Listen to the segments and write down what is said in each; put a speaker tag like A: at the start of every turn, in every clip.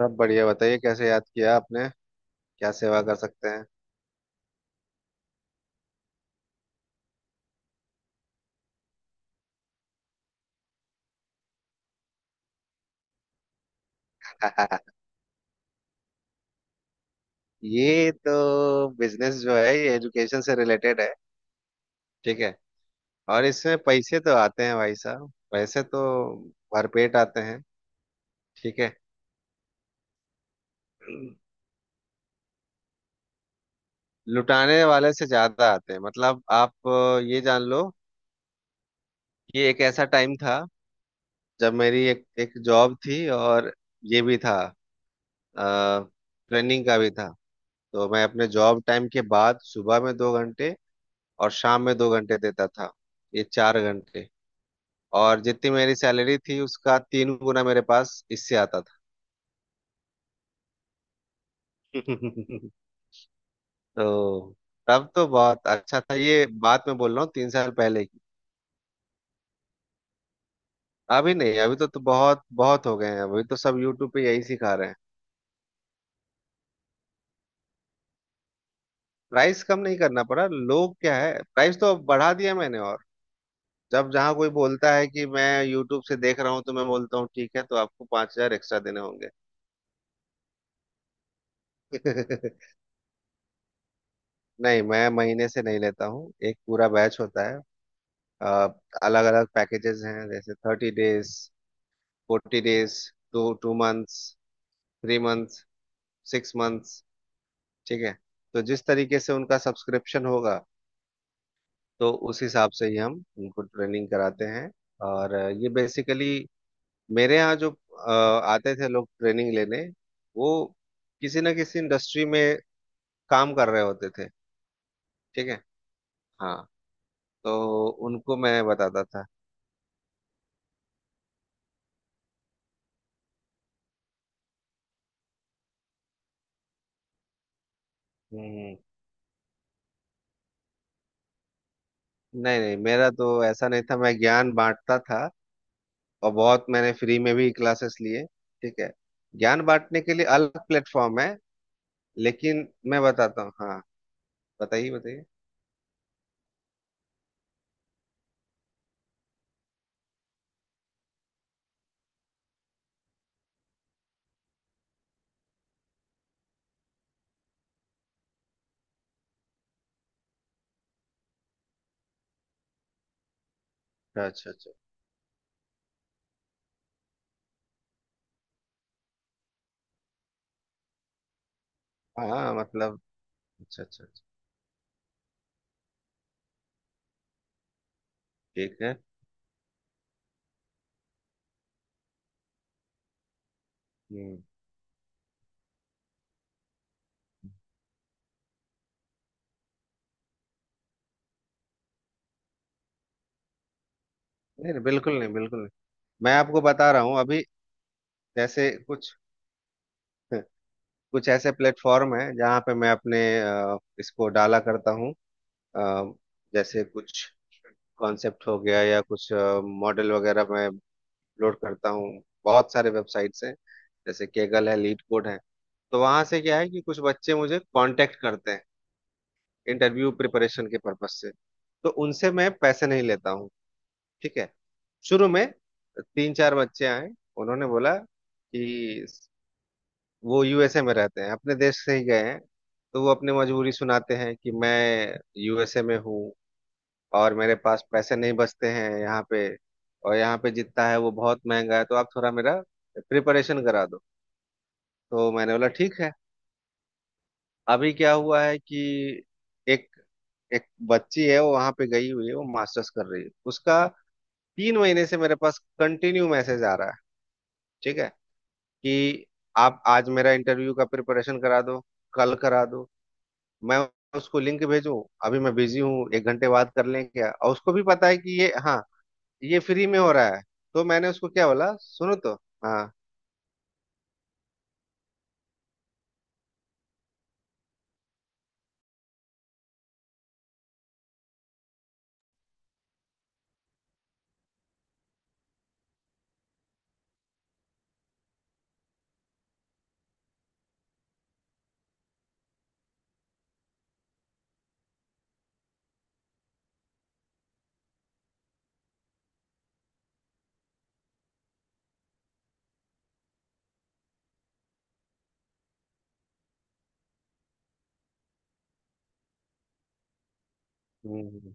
A: सब बढ़िया। बताइए कैसे याद किया आपने? क्या सेवा कर सकते हैं? ये तो बिजनेस जो है ये एजुकेशन से रिलेटेड है। ठीक है। और इसमें पैसे तो आते हैं भाई साहब, पैसे तो भरपेट आते हैं। ठीक है। लुटाने वाले से ज्यादा आते हैं मतलब आप ये जान लो कि एक ऐसा टाइम था जब मेरी एक एक जॉब थी, और ये भी था, ट्रेनिंग का भी था। तो मैं अपने जॉब टाइम के बाद सुबह में 2 घंटे और शाम में 2 घंटे देता था। ये 4 घंटे, और जितनी मेरी सैलरी थी उसका 3 गुना मेरे पास इससे आता था। तो तब तो बहुत अच्छा था। ये बात मैं बोल रहा हूँ 3 साल पहले की। अभी नहीं, अभी तो बहुत बहुत हो गए हैं, अभी तो सब यूट्यूब पे यही सिखा रहे हैं। प्राइस कम नहीं करना पड़ा, लोग क्या है, प्राइस तो बढ़ा दिया मैंने। और जब जहाँ कोई बोलता है कि मैं यूट्यूब से देख रहा हूँ, तो मैं बोलता हूँ ठीक है तो आपको 5,000 एक्स्ट्रा देने होंगे। नहीं, मैं महीने से नहीं लेता हूँ, एक पूरा बैच होता है। अलग अलग पैकेजेस हैं, जैसे 30 days, 40 days, to two months, 3 months, 6 months। ठीक है। तो जिस तरीके से उनका सब्सक्रिप्शन होगा, तो उस हिसाब से ही हम उनको ट्रेनिंग कराते हैं। और ये बेसिकली मेरे यहाँ जो आते थे लोग ट्रेनिंग लेने, वो किसी ना किसी इंडस्ट्री में काम कर रहे होते थे। ठीक है। हाँ। तो उनको मैं बताता था। हम्म। नहीं, नहीं, मेरा तो ऐसा नहीं था, मैं ज्ञान बांटता था। और बहुत मैंने फ्री में भी क्लासेस लिए। ठीक है। ज्ञान बांटने के लिए अलग प्लेटफॉर्म है, लेकिन मैं बताता हूँ। हाँ। बताइए बताइए। अच्छा अच्छा अच्छा। हाँ मतलब। अच्छा अच्छा अच्छा। ठीक है। हम्म। नहीं, नहीं, बिल्कुल नहीं, बिल्कुल नहीं। मैं आपको बता रहा हूँ अभी। जैसे कुछ कुछ ऐसे प्लेटफॉर्म है जहाँ पे मैं अपने इसको डाला करता हूँ। अ, जैसे कुछ कॉन्सेप्ट हो गया या कुछ मॉडल वगैरह मैं अपलोड करता हूँ। बहुत सारे वेबसाइट्स हैं, जैसे केगल है, लीड कोड है। तो वहां से क्या है कि कुछ बच्चे मुझे कांटेक्ट करते हैं इंटरव्यू प्रिपरेशन के पर्पज से। तो उनसे मैं पैसे नहीं लेता हूँ। ठीक है। शुरू में 3-4 बच्चे आए, उन्होंने बोला कि वो यूएसए में रहते हैं, अपने देश से ही गए हैं। तो वो अपनी मजबूरी सुनाते हैं कि मैं यूएसए में हूँ और मेरे पास पैसे नहीं बचते हैं यहाँ पे। और यहाँ पे जितना है वो बहुत महंगा है, तो आप थोड़ा मेरा प्रिपरेशन करा दो। तो मैंने बोला ठीक है। अभी क्या हुआ है कि एक एक बच्ची है, वो वहां पे गई हुई है, वो मास्टर्स कर रही है उसका। 3 महीने से मेरे पास कंटिन्यू मैसेज आ रहा है। ठीक है। कि आप आज मेरा इंटरव्यू का प्रिपरेशन करा दो, कल करा दो, मैं उसको लिंक भेजूं, अभी मैं बिजी हूँ, 1 घंटे बाद कर लें क्या। और उसको भी पता है कि ये हाँ, ये फ्री में हो रहा है। तो मैंने उसको क्या बोला, सुनो तो। हाँ। हम्म।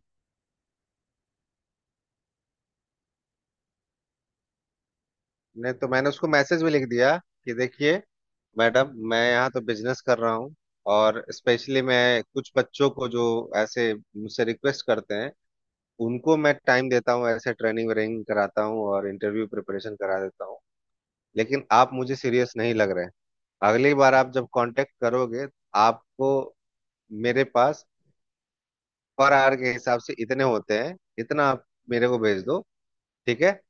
A: नहीं तो मैंने उसको मैसेज भी लिख दिया कि देखिए मैडम, मैं यहाँ तो बिजनेस कर रहा हूँ, और स्पेशली मैं कुछ बच्चों को जो ऐसे मुझसे रिक्वेस्ट करते हैं उनको मैं टाइम देता हूँ, ऐसे ट्रेनिंग व्रेनिंग कराता हूँ और इंटरव्यू प्रिपरेशन करा देता हूँ। लेकिन आप मुझे सीरियस नहीं लग रहे हैं। अगली बार आप जब कांटेक्ट करोगे, आपको मेरे पास पर आवर के हिसाब से इतने होते हैं, इतना आप मेरे को भेज दो। ठीक है।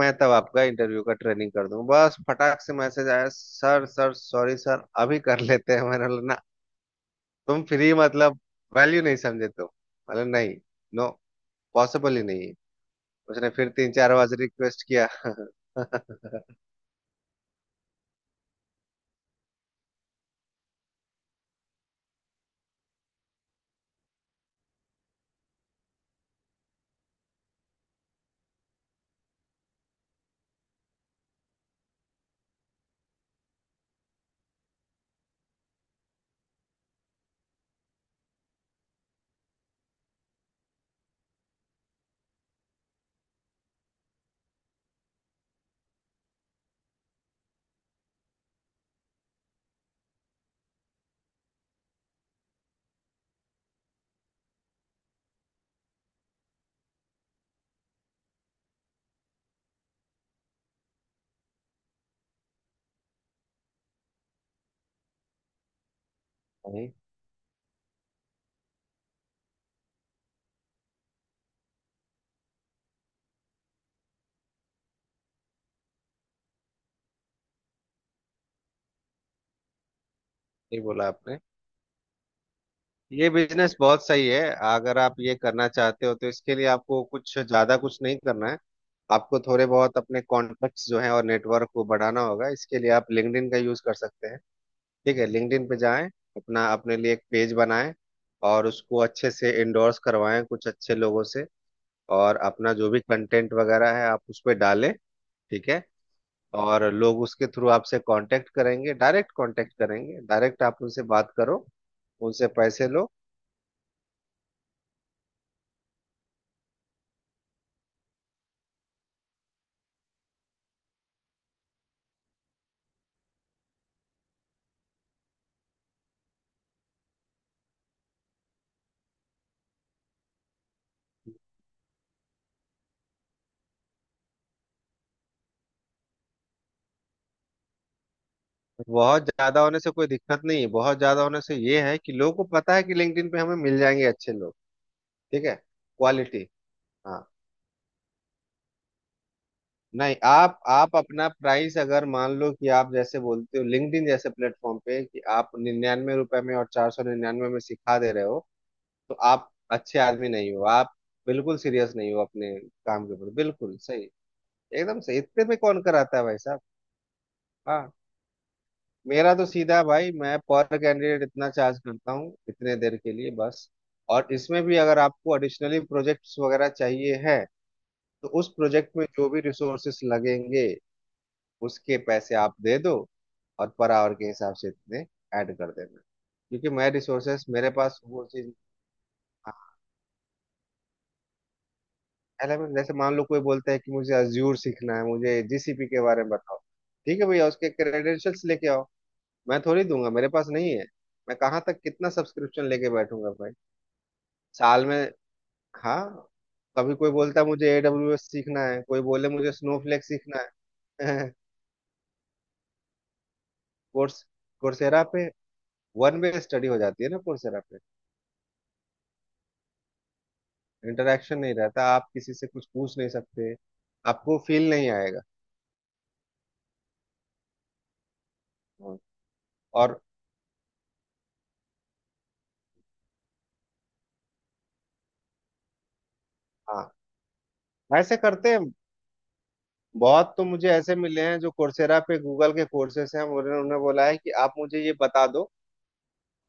A: मैं तब आपका इंटरव्यू का ट्रेनिंग कर दूं। बस फटाक से मैसेज आया, सर सर सॉरी सर अभी कर लेते हैं। मैंने बोला, ना, तुम फ्री मतलब वैल्यू नहीं समझे तुम, मतलब नहीं। नो, पॉसिबल ही नहीं है। उसने फिर 3-4 बार रिक्वेस्ट किया। नहीं, नहीं बोला आपने। ये बिजनेस बहुत सही है। अगर आप ये करना चाहते हो तो इसके लिए आपको कुछ ज्यादा कुछ नहीं करना है। आपको थोड़े बहुत अपने कॉन्टैक्ट्स जो हैं और नेटवर्क को बढ़ाना होगा। इसके लिए आप लिंक्डइन का यूज कर सकते हैं। ठीक है। लिंक्डइन पे जाएं, अपना अपने लिए एक पेज बनाएं। और उसको अच्छे से इंडोर्स करवाएं कुछ अच्छे लोगों से। और अपना जो भी कंटेंट वगैरह है आप उस पर डालें। ठीक है। और लोग उसके थ्रू आपसे कांटेक्ट करेंगे, डायरेक्ट कांटेक्ट करेंगे। डायरेक्ट आप उनसे बात करो, उनसे पैसे लो। बहुत ज्यादा होने से कोई दिक्कत नहीं है, बहुत ज्यादा होने से ये है कि लोगों को पता है कि लिंक्डइन पे हमें मिल जाएंगे अच्छे लोग। ठीक है। क्वालिटी। हाँ। नहीं, आप अपना प्राइस, अगर मान लो कि आप जैसे बोलते हो लिंक्डइन जैसे प्लेटफॉर्म पे कि आप 99 रुपए में और 499 में सिखा दे रहे हो, तो आप अच्छे आदमी नहीं हो, आप बिल्कुल सीरियस नहीं हो अपने काम के ऊपर। बिल्कुल सही। एकदम सही, इतने में कौन कराता है भाई साहब। हाँ। मेरा तो सीधा भाई, मैं पर कैंडिडेट इतना चार्ज करता हूँ, इतने देर के लिए बस। और इसमें भी अगर आपको एडिशनली प्रोजेक्ट्स वगैरह चाहिए है, तो उस प्रोजेक्ट में जो भी रिसोर्सेस लगेंगे उसके पैसे आप दे दो, और पर आवर के हिसाब से इतने ऐड कर देना। क्योंकि मैं रिसोर्सेस मेरे पास वो चीज एलएमएस, जैसे मान लो कोई बोलता है कि मुझे अज्यूर सीखना है, मुझे जीसीपी के बारे में बताओ, ठीक है भैया उसके क्रेडेंशियल्स लेके आओ, मैं थोड़ी दूंगा, मेरे पास नहीं है। मैं कहाँ तक कितना सब्सक्रिप्शन लेके बैठूंगा भाई साल में। हाँ। कभी कोई बोलता है मुझे एडब्ल्यूएस सीखना है, कोई बोले मुझे स्नोफ्लेक सीखना है। कोर्स कोर्सेरा पे वन वे स्टडी हो जाती है ना, कोर्सेरा पे। इंटरेक्शन नहीं रहता, आप किसी से कुछ पूछ नहीं सकते, आपको फील नहीं आएगा। और हाँ, ऐसे करते हैं। बहुत तो मुझे ऐसे मिले हैं जो कोर्सेरा पे गूगल के कोर्सेस हैं, उन्होंने उन्होंने बोला है कि आप मुझे ये बता दो,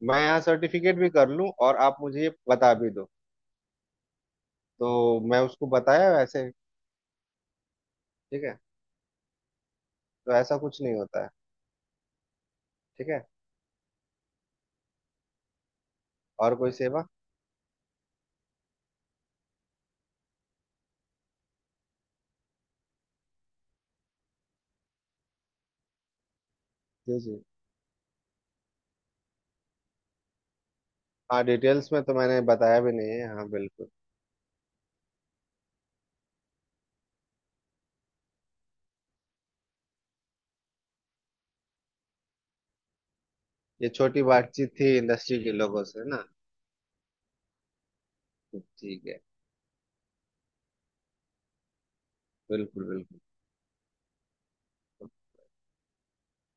A: मैं यहाँ सर्टिफिकेट भी कर लूँ और आप मुझे ये बता भी दो, तो मैं उसको बताया वैसे। ठीक है। तो ऐसा कुछ नहीं होता है। ठीक है। और कोई सेवा? जी जी। हाँ, डिटेल्स में तो मैंने बताया भी नहीं है। हाँ, बिल्कुल। ये छोटी बातचीत थी इंडस्ट्री के लोगों से ना। ठीक है। बिल्कुल बिल्कुल।